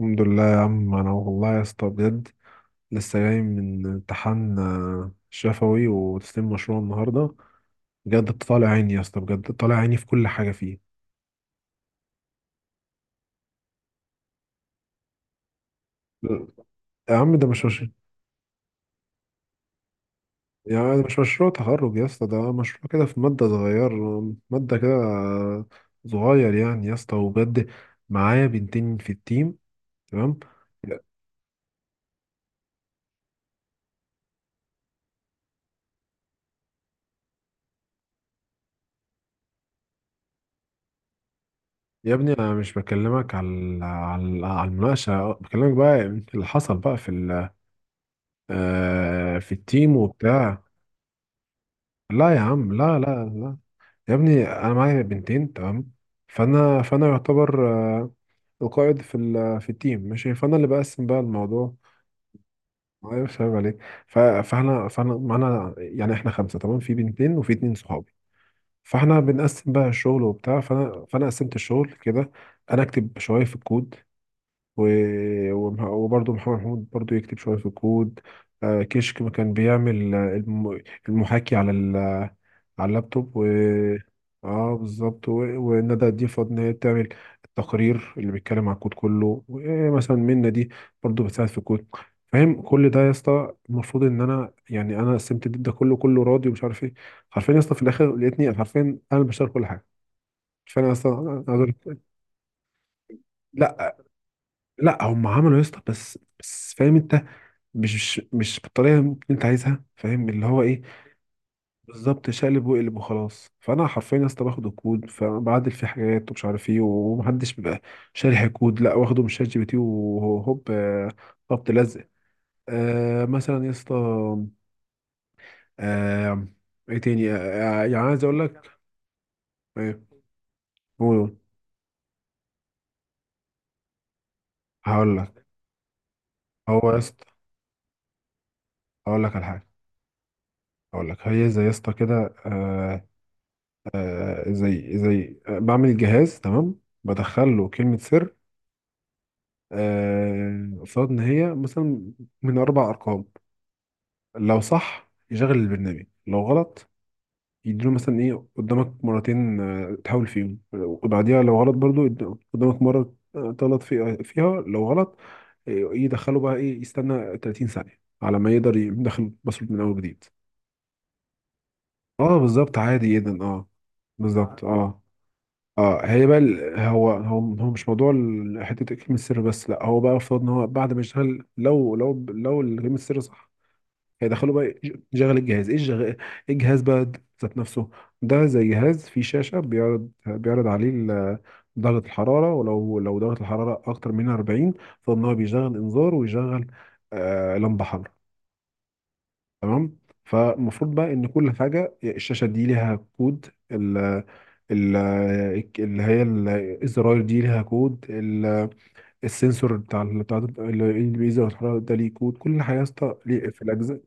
الحمد لله يا عم، انا والله يا اسطى بجد لسه جاي من امتحان شفوي وتسليم مشروع النهارده. بجد طالع عيني يا اسطى، بجد طالع عيني في كل حاجه فيه. يا عم ده مش. يا عم ده مش مشروع تخرج يا اسطى، ده مشروع كده في ماده صغير. ماده كده، صغير يعني يا اسطى وبجد. معايا بنتين في التيم. تمام. يا ابني انا مش بكلمك على المناقشه، بكلمك بقى اللي حصل بقى في ال- آه، في التيم وبتاع. لا يا عم، لا لا لا. يا ابني انا معايا بنتين، تمام. فانا يعتبر آه، القائد في التيم، ماشي، فانا اللي بقسم بقى الموضوع. ايوه فاهم عليك. فاحنا معانا يعني احنا خمسه، تمام، في بنتين وفي اتنين صحابي. فاحنا بنقسم بقى الشغل وبتاع، فانا قسمت الشغل كده. انا اكتب شويه في الكود، وبرضه محمد محمود برضه يكتب شوية في الكود. كشك ما كان بيعمل المحاكي على اللابتوب. و اه بالظبط. وندى دي فاضل ان هي تعمل التقرير اللي بيتكلم على الكود كله، ومثلا منى دي برضه بتساعد في الكود. فاهم كل ده يا اسطى، المفروض ان انا يعني انا قسمت ده كله، كله راضي ومش عارف ايه. حرفيا يا اسطى في الاخر لقيتني حرفيا انا اللي بشتغل كل حاجه. فانا اصلا أنا عايز أقول لك. لا. لا هم عملوا يا اسطى، بس فاهم انت، مش بالطريقه اللي انت عايزها، فاهم اللي هو ايه. بالظبط، شقلب وقلب وخلاص. فانا حرفيا يا اسطى باخد الكود فبعدل فيه حاجات ومش عارف ايه، ومحدش بيبقى شارح الكود، لا واخده من شات جي بي تي وهوب خبط لزق. مثلا يا اسطى. آه ايه تاني؟ يعني عايز اقول لك. ايه؟ قول قول. هقول لك هو يا اسطى، هقول لك على حاجه، هقول لك هي زي يا اسطى كده. زي بعمل جهاز، تمام، بدخل له كلمة سر، قصاد إن هي مثلا من أربع أرقام. لو صح يشغل البرنامج، لو غلط يديله مثلا إيه قدامك مرتين تحاول فيهم، وبعديها لو غلط برضو قدامك مرة تغلط فيها، لو غلط يدخله بقى إيه، يستنى 30 ثانية على ما يقدر يدخل باسورد من أول جديد. اه بالظبط، عادي جدا اه، بالظبط اه. اه هي بقى هو مش موضوع حته الجيم السر بس، لا هو بقى افترض ان هو بعد ما يشتغل لو الجيم السر صح، هيدخله بقى يشغل الجهاز، ايه الجغ- إيه الجهاز بقى ذات نفسه. ده زي جهاز فيه شاشه، بيعرض عليه درجه الحراره، ولو درجه الحراره اكتر من 40 فان هو بيشغل انذار، ويشغل لمبه حمراء. تمام. فالمفروض بقى ان كل حاجه الشاشه دي ليها كود، ال ال اللي هي الزراير دي ليها كود، السنسور بتاع اللي بيزر الحرارة ده ليه كود، كل حاجه يا اسطى ليه في الاجزاء.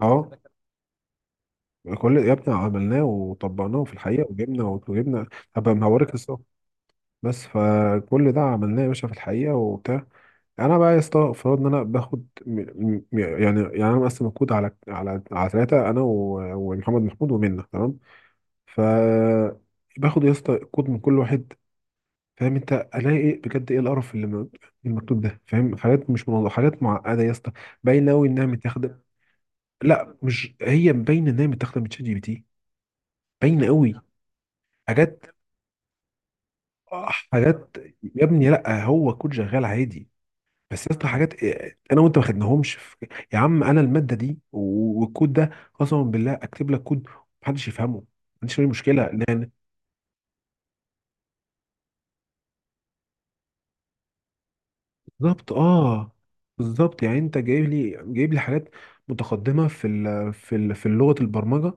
اه، كل يا ابني عملناه وطبقناه في الحقيقه، وجبنا. هبقى هوريك الصور. بس فكل ده عملناه يا باشا في الحقيقة وبتاع. انا بقى يا اسطى فرضنا ان انا باخد يعني انا مقسم الكود على ثلاثه، انا ومحمد محمود ومنة، تمام. ف باخد يا اسطى الكود من كل واحد، فاهم انت، الاقي ايه بجد، ايه القرف اللي المكتوب ده، فاهم؟ حاجات مش منظمه، حاجات معقده يا اسطى، باينه قوي انها متاخده. لا، مش هي باينه انها متاخده من شات جي بي تي، باينه قوي. حاجات، حاجات. يا ابني لا هو كود شغال عادي، بس يا اسطى حاجات انا وانت ما خدناهمش في... يا عم انا الماده دي والكود ده قسما بالله اكتب لك كود محدش يفهمه، ما عنديش اي مشكله لان... بالظبط اه، بالظبط. يعني انت جايب لي حاجات متقدمه في لغه البرمجه،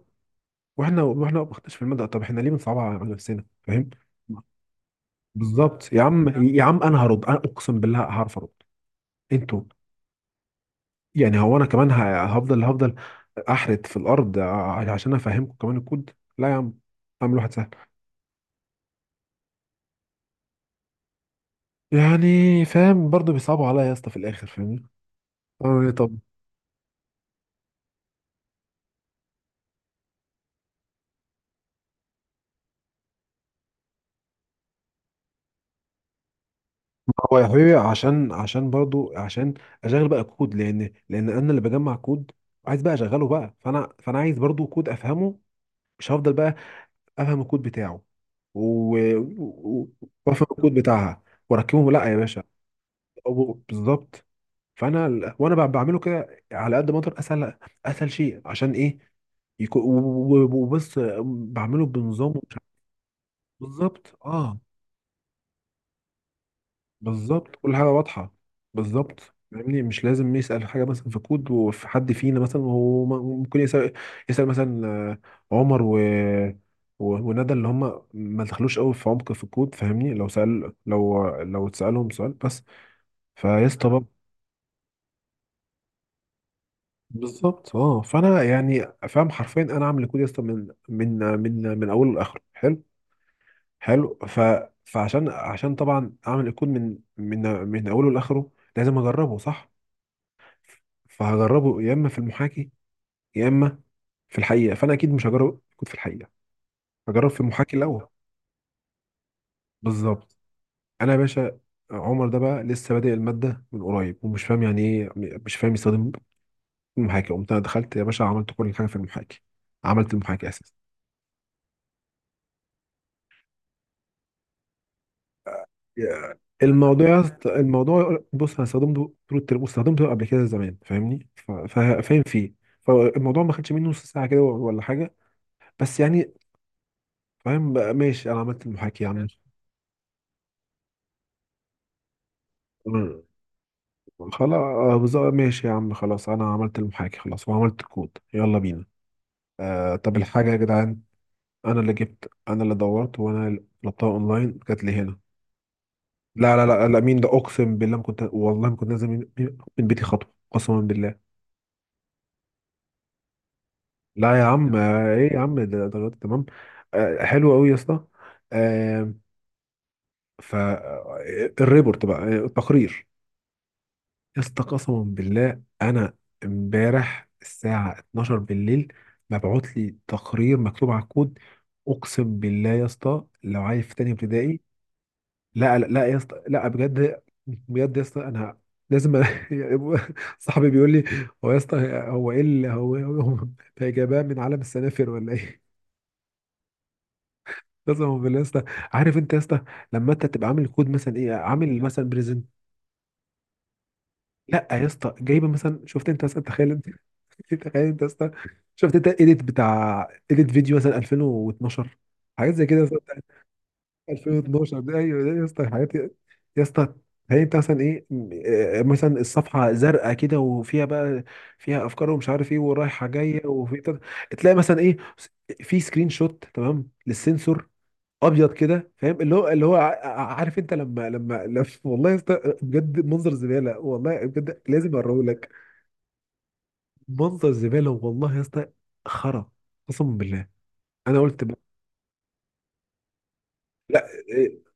واحنا ما خدناش في الماده، طب احنا ليه بنصعبها على نفسنا، فاهم؟ بالظبط يا عم. يا عم انا هرد، انا اقسم بالله هعرف ارد انتوا. يعني هو انا كمان هفضل احرت في الارض عشان افهمكم كمان الكود. لا يا عم، اعمل واحد سهل. يعني فاهم برضو بيصعبوا عليا يا اسطى في الاخر، فاهمني اعمل ايه طب؟ ما هو يا حبيبي عشان عشان برضو عشان اشغل بقى كود، لان انا اللي بجمع كود، عايز بقى اشغله بقى. فانا عايز برضو كود افهمه، مش هفضل بقى افهم الكود بتاعه و... و... وافهم الكود بتاعها واركبهم، لا يا باشا. بالظبط. وانا بعمله كده على قد ما اقدر اسهل، اسهل شيء عشان ايه يكون، وبص بعمله بنظام ومش عارف. بالظبط اه، بالظبط، كل حاجه واضحه، بالظبط. فاهمني مش لازم يسال حاجه مثلا في كود، وفي حد فينا مثلا هو ممكن يسال، مثلا عمر وندى اللي هم ما دخلوش قوي في عمق في الكود، فاهمني لو سال، لو اتسالهم سؤال بس. فيسطا بالظبط اه، فانا يعني فاهم حرفيا انا اعمل الكود يا اسطى من اوله لاخره، حلو، حلو. فعشان طبعا اعمل الكود من اوله لاخره، لازم اجربه، صح؟ فهجربه يا اما في المحاكي يا اما في الحقيقه، فانا اكيد مش هجرب الكود في الحقيقه، هجرب في المحاكي الاول. بالظبط، انا يا باشا عمر ده بقى لسه بادئ الماده من قريب، ومش فاهم يعني ايه، مش فاهم يستخدم المحاكي، قمت انا دخلت يا باشا عملت كل حاجه في المحاكي، عملت المحاكي اساسا. يا الموضوع يا اسطى- الموضوع بص، انا استخدمته طول الترم واستخدمته قبل كده زمان، فاهمني، فاهم فيه. فالموضوع ما خدش مني نص ساعه كده ولا حاجه، بس يعني فاهم بقى. ماشي انا عملت المحاكي يا عم. مم. خلاص، بالظبط، ماشي يا عم خلاص انا عملت المحاكي خلاص، وعملت الكود يلا بينا. طب الحاجه يا جدعان، انا اللي جبت، انا اللي دورت، وانا اللي طلبتها اونلاين جات لي هنا. لا لا لا لا، مين ده؟ اقسم بالله ما كنت والله ما كنت نازل من بيتي خطوه، قسما بالله. لا يا عم، ايه يا عم ده درجات تمام، حلو قوي يا اسطى. آه، ف آه، الريبورت بقى، التقرير، يا اسطى قسما بالله انا امبارح الساعه 12 بالليل مبعوت لي تقرير مكتوب على الكود، اقسم بالله يا اسطى لو عايز في تاني ابتدائي. لا لا لا يا اسطى لا، بجد، بجد يا اسطى انا لازم. صاحبي بيقول لي، هو يا اسطى هو ايه اللي هو هو جابها من عالم السنافر ولا ايه؟ قسما بالله يا اسطى. عارف انت يا اسطى لما انت تبقى عامل كود مثلا ايه، عامل مثلا بريزنت. لا يا اسطى جايبه مثلا، شفت انت مثلا، تخيل انت، تخيل انت يا اسطى، شفت انت اديت فيديو مثلا 2012، حاجات زي كده يا اسطى بتاعت 2012 ده، ايوه ده يا اسطى حاجات يا اسطى. هي انت مثلا ايه مثلا الصفحه زرقاء كده، وفيها بقى فيها افكار ومش عارف ايه ورايحه جايه، وفي تلاقي مثلا ايه في سكرين شوت تمام للسنسور ابيض كده، فاهم اللي هو اللي هو ع- ع- عارف انت والله يا اسطى بجد منظر زباله، والله بجد لازم اوريهولك. منظر زباله والله يا اسطى، خرا، قسما بالله. انا قلت بقى لا إيه-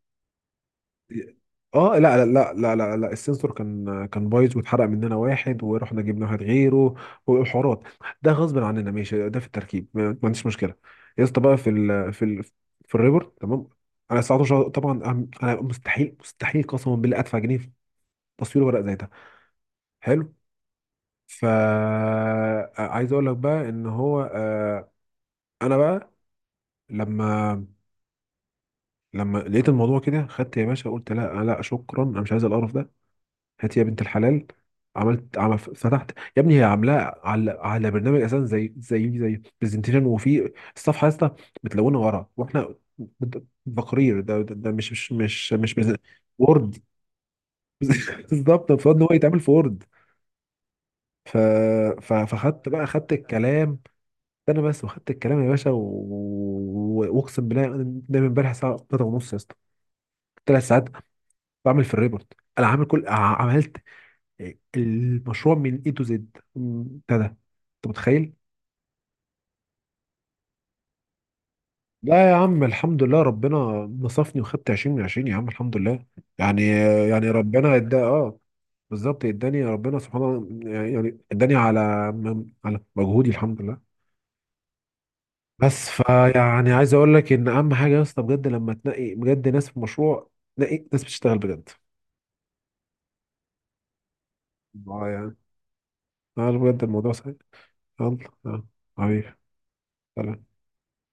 إيه. اه لا لا لا لا لا، لا. السنسور كان بايظ، واتحرق مننا واحد ورحنا جبنا واحد غيره، والحوارات ده غصب عننا ماشي، ده في التركيب ما عنديش مشكله. يا اسطى بقى في الريبورت، تمام؟ انا 19 طبعا، انا مستحيل قسما بالله ادفع جنيه تصوير ورق زي ده. حلو. فا عايز اقول لك بقى ان هو، انا بقى لما لما لقيت الموضوع كده خدت يا باشا، قلت لا لا شكرا انا مش عايز القرف ده، هات يا بنت الحلال، عملت عمل فتحت. يا ابني هي عاملاه على برنامج اساسا زي برزنتيشن، وفي الصفحه يا اسطى متلونه ورا واحنا بت- تقرير ده مش وورد. بالظبط المفروض ان هو يتعمل في وورد. ف... فخدت بقى، خدت الكلام انا بس، وخدت الكلام يا باشا واقسم بالله انا دايما امبارح الساعه 3 ونص يا اسطى، 3 ساعات بعمل في الريبورت. انا عامل عملت المشروع من اي تو زد بتاع ده، انت متخيل. لا يا عم الحمد لله، ربنا نصفني وخدت 20 من 20 يا عم، الحمد لله. يعني ربنا ادى اه، بالظبط اداني ربنا سبحانه، يعني اداني على مجهودي، الحمد لله. بس فيعني عايز اقول لك ان اهم حاجه يا اسطى بجد لما تنقي بجد ناس في مشروع، نقي ناس بتشتغل بجد. اه يعني، اه بجد الموضوع سهل. يلا، اه حبيبي، سلام.